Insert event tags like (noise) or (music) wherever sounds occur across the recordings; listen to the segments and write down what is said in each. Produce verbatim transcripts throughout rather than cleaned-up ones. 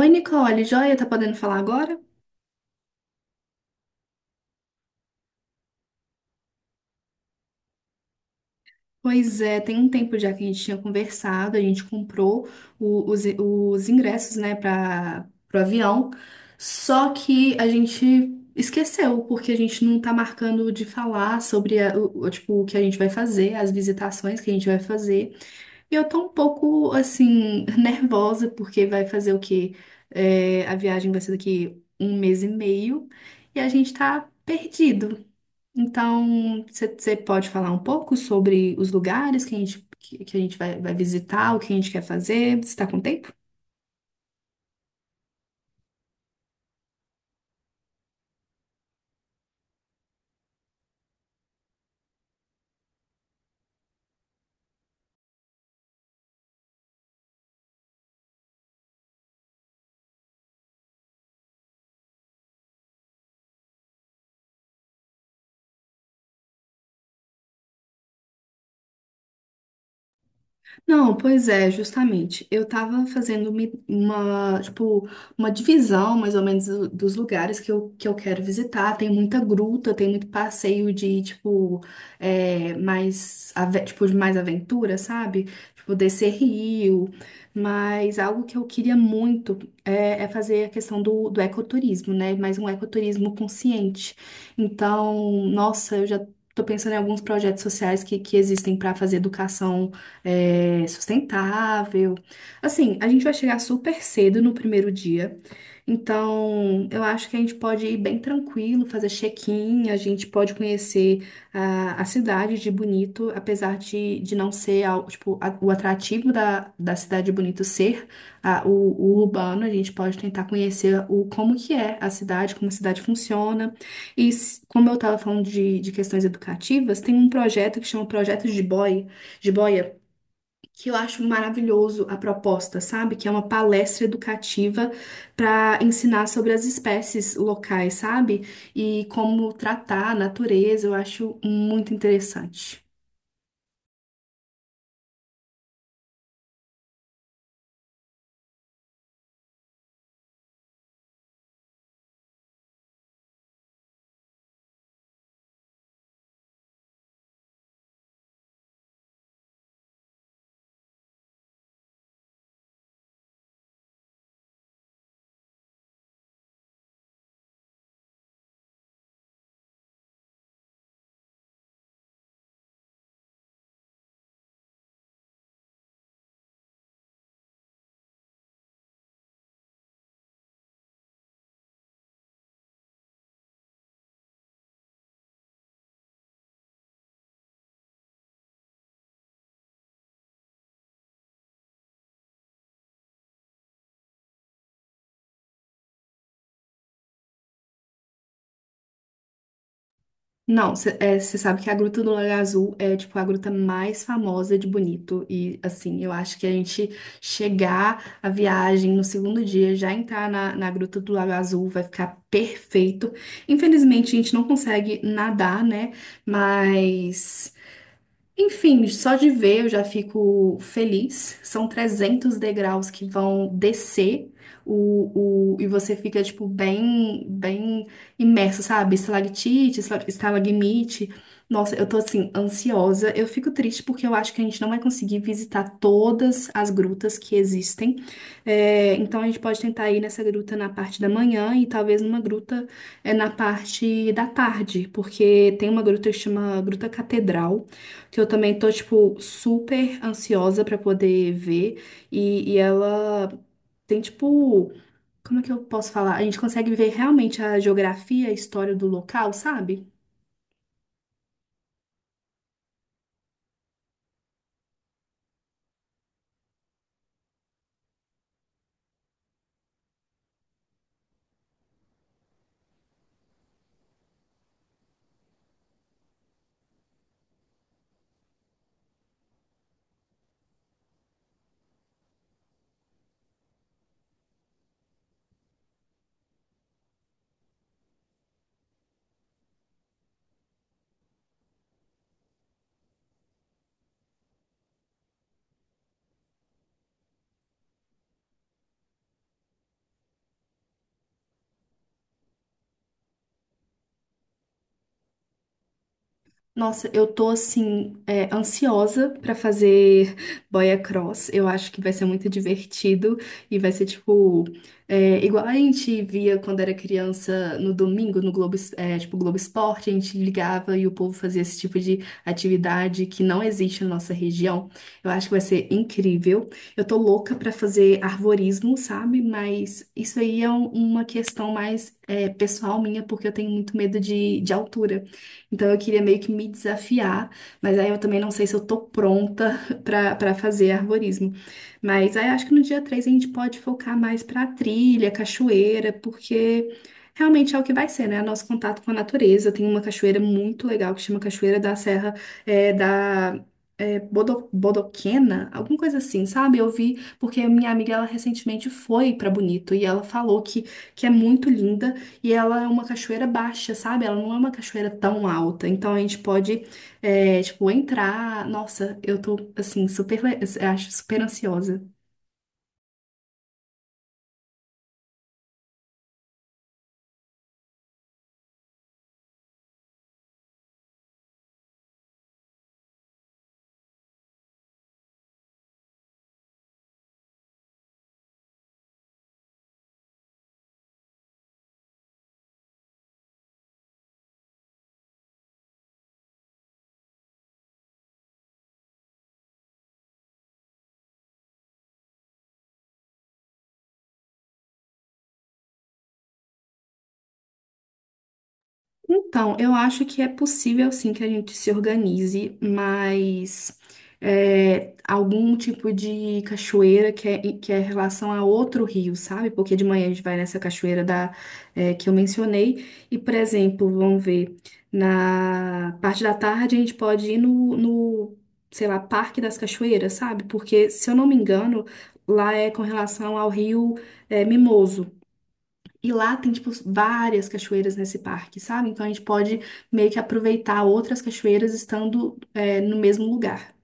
Oi, Nicole, joia, tá podendo falar agora? Pois é, tem um tempo já que a gente tinha conversado, a gente comprou o- os, os ingressos, né, para o avião, só que a gente esqueceu, porque a gente não tá marcando de falar sobre, a- o, o- tipo, o que a gente vai fazer, as visitações que a gente vai fazer, e eu tô um pouco, assim, (laughs) nervosa, porque vai fazer o quê? É, a viagem vai ser daqui um mês e meio, e a gente tá perdido. Então, você pode falar um pouco sobre os lugares que a gente, que, que a gente vai, vai visitar, o que a gente quer fazer? Você está com tempo? Não, pois é, justamente. Eu tava fazendo mi- uma, tipo, uma divisão, mais ou menos, do- dos lugares que eu, que eu quero visitar. Tem muita gruta, tem muito passeio de, tipo, é, mais, ave- tipo, de mais aventura, sabe? Tipo, descer rio. Mas algo que eu queria muito é, é fazer a questão do, do ecoturismo, né? Mas um ecoturismo consciente. Então, nossa, eu já tô pensando em alguns projetos sociais que, que existem para fazer educação é, sustentável. Assim, a gente vai chegar super cedo no primeiro dia, então eu acho que a gente pode ir bem tranquilo, fazer check-in, a gente pode conhecer a, a cidade de Bonito, apesar de, de não ser al- tipo, a- o atrativo da, da cidade de Bonito ser a- o, o urbano, a gente pode tentar conhecer o como que é a cidade, como a cidade funciona. E s- como eu estava falando de, de questões educativas, tem um projeto que chama Projeto de Boia, que eu acho maravilhoso a proposta, sabe? Que é uma palestra educativa para ensinar sobre as espécies locais, sabe? E como tratar a natureza, eu acho muito interessante. Não, você sabe que a Gruta do Lago Azul é, tipo, a gruta mais famosa de Bonito. E, assim, eu acho que a gente chegar a viagem no segundo dia, já entrar na, na Gruta do Lago Azul, vai ficar perfeito. Infelizmente, a gente não consegue nadar, né? Mas. Enfim, só de ver eu já fico feliz. São trezentos degraus que vão descer o, o, e você fica, tipo, bem, bem imerso, sabe? Estalactite, estala- estalagmite. Nossa, eu tô, assim, ansiosa. Eu fico triste porque eu acho que a gente não vai conseguir visitar todas as grutas que existem. É, então, a gente pode tentar ir nessa gruta na parte da manhã e talvez numa gruta é, na parte da tarde, porque tem uma gruta que chama Gruta Catedral que eu também tô, tipo, super ansiosa pra poder ver. E, e ela tem, tipo, como é que eu posso falar? A gente consegue ver realmente a geografia, a história do local, sabe? Nossa, eu tô assim, é, ansiosa pra fazer boia cross. Eu acho que vai ser muito divertido e vai ser tipo, é, igual a gente via quando era criança no domingo no Globo, Es- é, tipo Globo Esporte, a gente ligava e o povo fazia esse tipo de atividade que não existe na nossa região. Eu acho que vai ser incrível. Eu tô louca pra fazer arvorismo, sabe? Mas isso aí é um- uma questão mais, é, pessoal minha, porque eu tenho muito medo de, de altura. Então eu queria meio que me desafiar, mas aí eu também não sei se eu tô pronta (laughs) pra para fazer arborismo. Mas aí acho que no dia três a gente pode focar mais pra trilha, cachoeira, porque realmente é o que vai ser, né? Nosso contato com a natureza. Tem uma cachoeira muito legal que chama Cachoeira da Serra é, da é, Bodo- Bodoquena, alguma coisa assim, sabe? Eu vi, porque a minha amiga, ela recentemente foi pra Bonito e ela falou que, que é muito linda. E ela é uma cachoeira baixa, sabe? Ela não é uma cachoeira tão alta. Então a gente pode, é, tipo, entrar. Nossa, eu tô, assim, super, le- acho super ansiosa. Então, eu acho que é possível sim que a gente se organize, mas é, algum tipo de cachoeira que é, que é em relação a outro rio, sabe? Porque de manhã a gente vai nessa cachoeira da, é, que eu mencionei, e, por exemplo, vamos ver, na parte da tarde a gente pode ir no, no, sei lá, Parque das Cachoeiras, sabe? Porque, se eu não me engano, lá é com relação ao rio é, Mimoso. E lá tem, tipo, várias cachoeiras nesse parque, sabe? Então a gente pode meio que aproveitar outras cachoeiras estando, é, no mesmo lugar.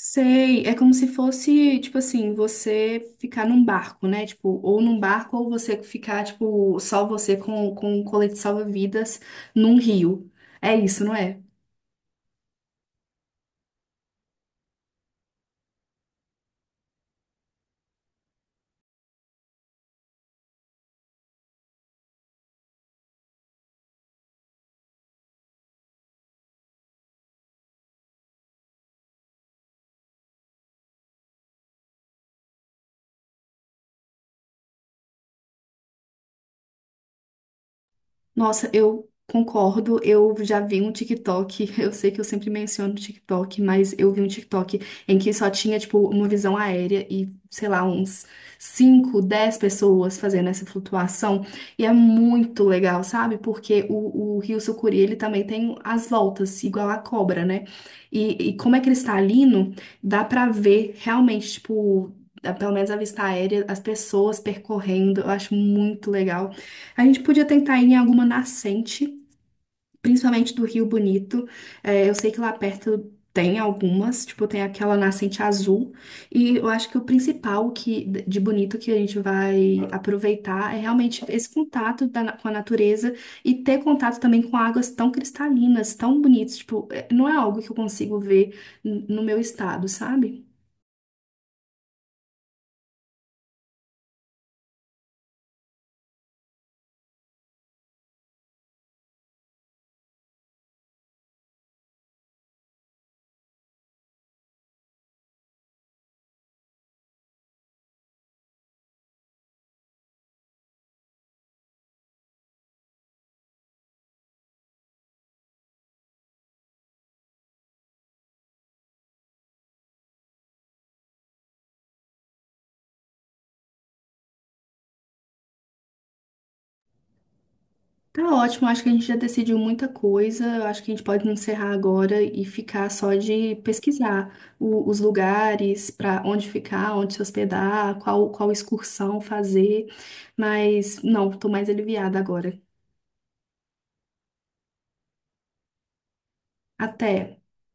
Sei, é como se fosse, tipo assim, você ficar num barco, né? Tipo, ou num barco, ou você ficar, tipo, só você com, com um colete salva-vidas num rio. É isso, não é? Nossa, eu concordo. Eu já vi um TikTok. (laughs) Eu sei que eu sempre menciono o TikTok, mas eu vi um TikTok em que só tinha, tipo, uma visão aérea e, sei lá, uns cinco, dez pessoas fazendo essa flutuação. E é muito legal, sabe? Porque o, o Rio Sucuri, ele também tem as voltas, igual a cobra, né? E, e como é cristalino, dá pra ver realmente, tipo. Pelo menos a vista aérea, as pessoas percorrendo, eu acho muito legal. A gente podia tentar ir em alguma nascente, principalmente do Rio Bonito. É, eu sei que lá perto tem algumas, tipo, tem aquela nascente azul. E eu acho que o principal que, de bonito que a gente vai aproveitar é realmente esse contato da na- com a natureza e ter contato também com águas tão cristalinas, tão bonitas. Tipo, é- não é algo que eu consigo ver n- no meu estado, sabe? Tá ótimo, acho que a gente já decidiu muita coisa. Acho que a gente pode encerrar agora e ficar só de pesquisar o- os lugares para onde ficar, onde se hospedar, qual, qual excursão fazer. Mas não, tô mais aliviada agora. Até.